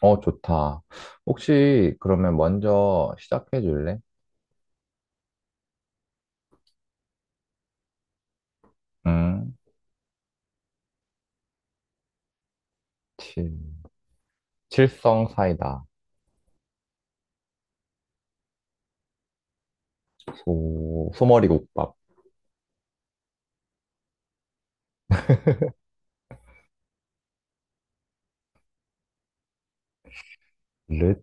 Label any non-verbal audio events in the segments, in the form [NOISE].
어, 좋다. 혹시 그러면 먼저 시작해 줄래? 음, 칠, 칠성 사이다. 소, 소머리국밥. 릇?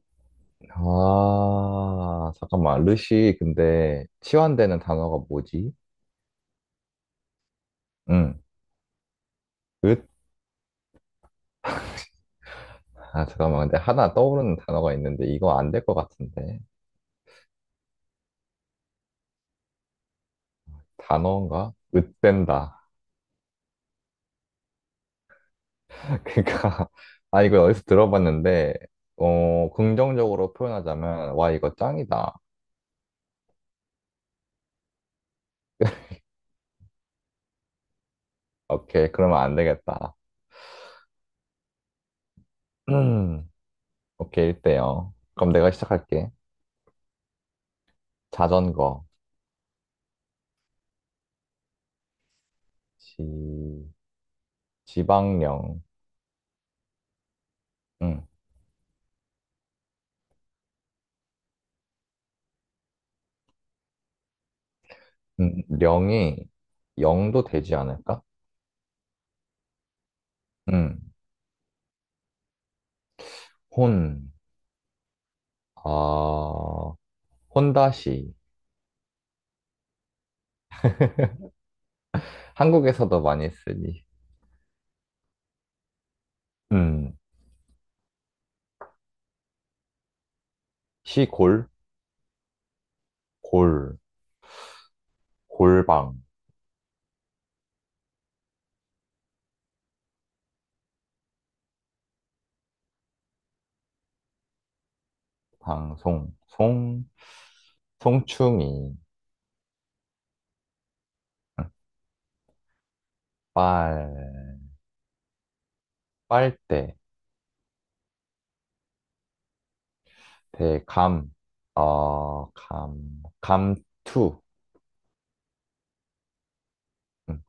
아, 잠깐만. 릇이 근데 치환되는 단어가 뭐지? 응, 릇? 아, 잠깐만. 근데 하나 떠오르는 단어가 있는데 이거 안 될 것 같은데. 단어인가? 릇된다. [LAUGHS] 그러니까, 아, 이거 어디서 들어봤는데, 어, 긍정적으로 표현하자면, 와, 이거 짱이다. 오케이, 그러면 안 되겠다. 음, 오케이, 1대요. 그럼 내가 시작할게. 자전거. 지, 지방령. 음, 령이 0도 되지 않을까? 음, 혼. 아, 혼다시. 한국에서도 많이 쓰니. 음, 시골. 골. 골방. 방송. 송. 송충이. 음, 빨. 빨대. 대감. 어, 감. 감투. 음,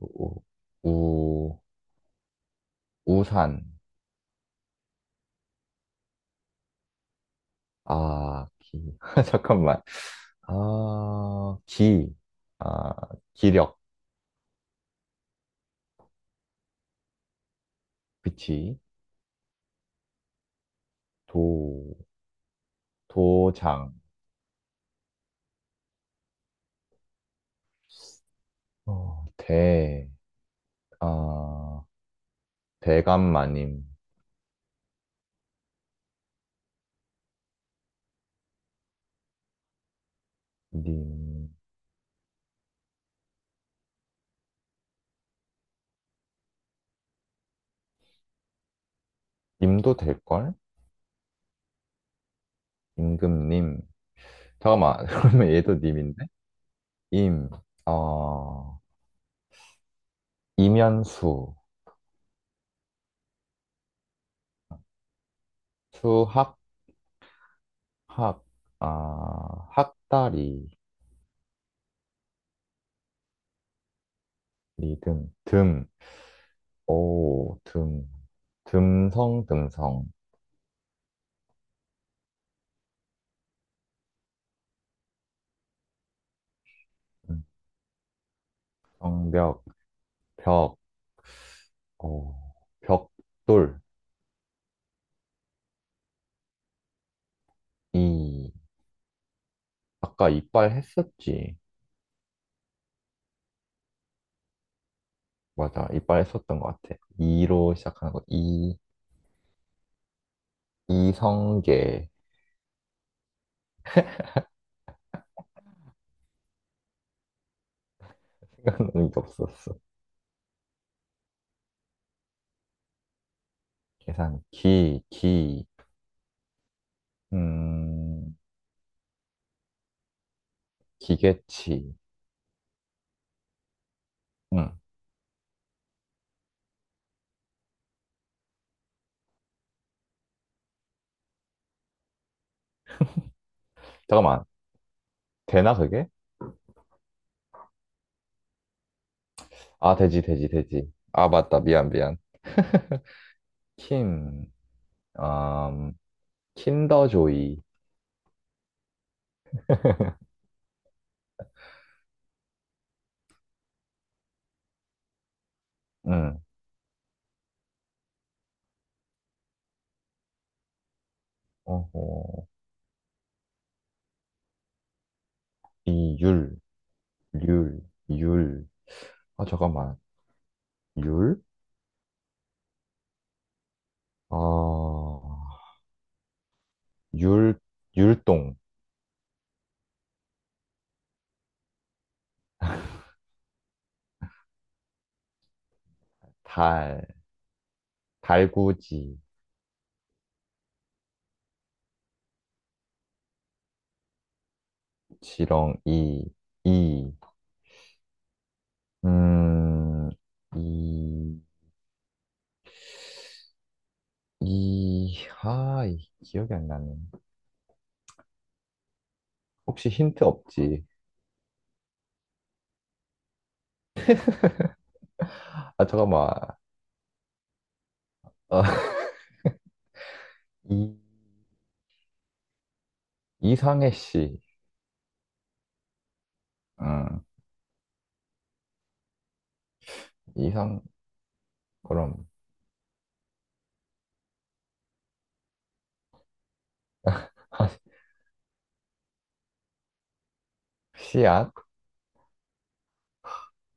우, 우, 우산. 아, 기. [LAUGHS] 잠깐만. 아, 기. 아, 기력. 그치. 도, 도장. 어, 대. 아, 대감마님. 님. 님도 될걸? 임금님. 잠깐만. [LAUGHS] 그러면 얘도 님인데? 임. 어, 이면수. 수학. 학. 아, 학다리. 리듬. 듬. 오, 듬, 듬성, 듬성, 음, 성벽, 벽, 어, 벽돌, 이, 아까 이빨 했었지. 맞아, 이빨 했었던 것 같아. 이로 시작하는 거, 이, 이성계. [LAUGHS] 생각나는 게 없었어. 계산, 기, 기, 음, 기계치. 음, 잠깐만, 되나 그게? 아, 되지. 아, 맞다, 미안. [LAUGHS] 킨, 음, 킨더조이. 응. 어허. 이율, 률 율. 아, 잠깐만. 율? 어, 율, 율동. 달, 달구지. 지렁, 이, 이. 음, 이, 이, 하, 이, 기억이 안 나네. 혹시 힌트 없지? 아, 잠깐만. 어, [LAUGHS] 이, 이상해 씨. 응. 이상, 그럼. [LAUGHS] 씨앗?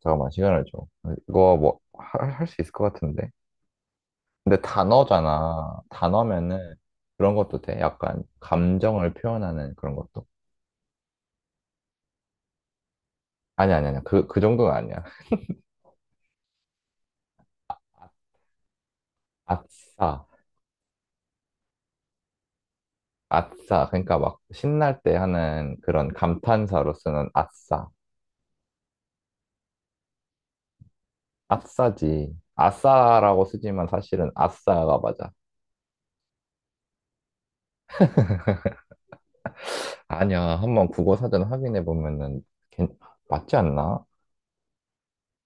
잠깐만, 시간을 줘. 이거 뭐, 할, 할 수 있을 것 같은데? 근데 단어잖아. 단어면은 그런 것도 돼. 약간 감정을 표현하는 그런 것도. 아니. 그, 그 정도는 아니야. 아- 싸 아싸. 그러니까 막 신날 때 하는 그런 감탄사로 쓰는 아싸. 아싸지. 아싸라고 쓰지만 사실은 아싸가 맞아. [LAUGHS] 아니야. 한번 국어 사전 확인해 보면은 맞지 않나?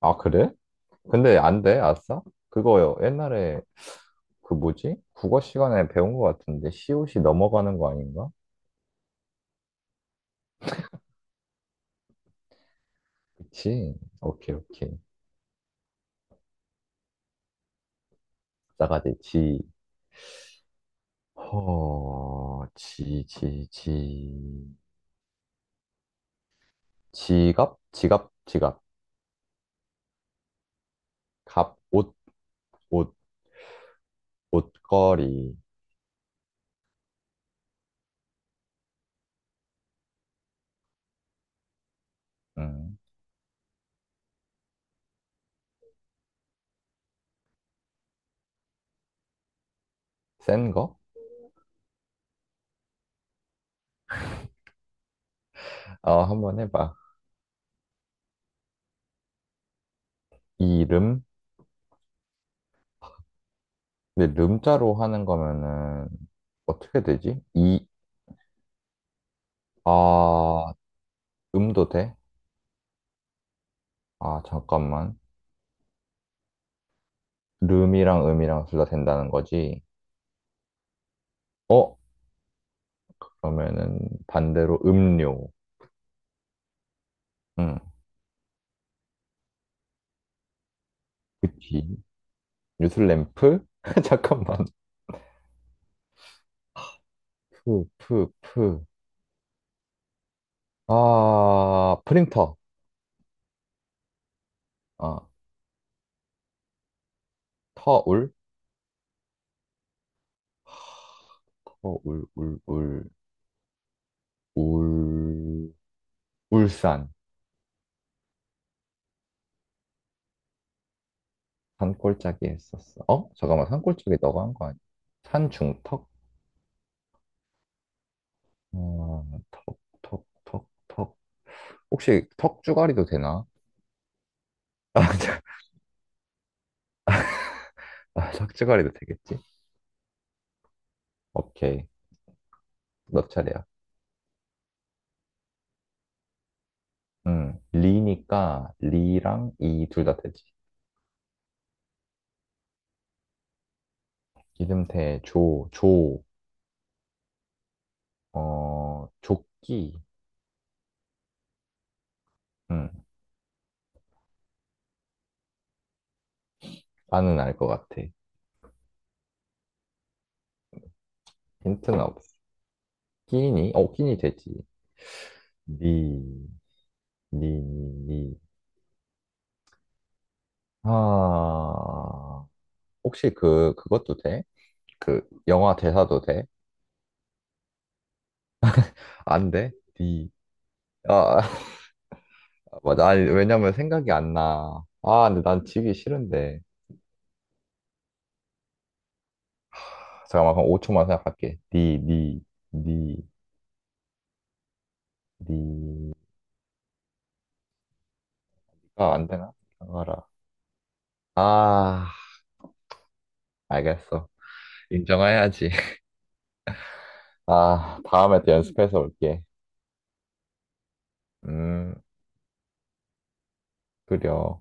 아, 그래? 근데 안 돼? 아싸? 그거요. 옛날에 그 뭐지? 국어 시간에 배운 것 같은데 시옷이 넘어가는 거 아닌가? 그치? 오케이. 나가지 지. 허, 지. 지갑? 지갑. 갑, 옷, 옷, 옷걸이. 음, 센 거? 어, 한번 해봐. 이름? 근데 름자로 하는 거면은 어떻게 되지? 이, 아, 음도 돼? 아, 잠깐만. 룸이랑 음이랑 둘 다 된다는 거지. 어? 그러면은 반대로 음료. 응. 그치. 뉴슬램프? [LAUGHS] 잠깐만. 푸. 아, 프린터. 아, 터울? 터울, 울, 울산. 산골짜기 했었어. 어? 잠깐만, 산골짜기 너가 한 거 아니야? 산중턱? 어, 턱. 혹시 턱주가리도 되나? [LAUGHS] 아, 자, 아, 턱주가리도 되겠지? 오케이. 너 차례야. 리니까 리랑 이 둘 다 되지. 기름태 조, 조, 어, 조끼. 음, 나는 알 것 같아. 힌트는 없어. 끼니? 어, 끼니 되지. 니, 니, 니. 아, 혹시 그, 그것도 돼? 그, 영화 대사도 돼? 안 돼? 니. 아, [LAUGHS] 맞아. 아니, 왜냐면 생각이 안 나. 아, 근데 난 지기 싫은데. 잠깐만, 그럼 5초만 생각할게. 니, 니. 아, 안 되나? 장어라. 아, 알겠어. 인정해야지. [LAUGHS] 아, 다음에 또 연습해서 올게. 음, 그려.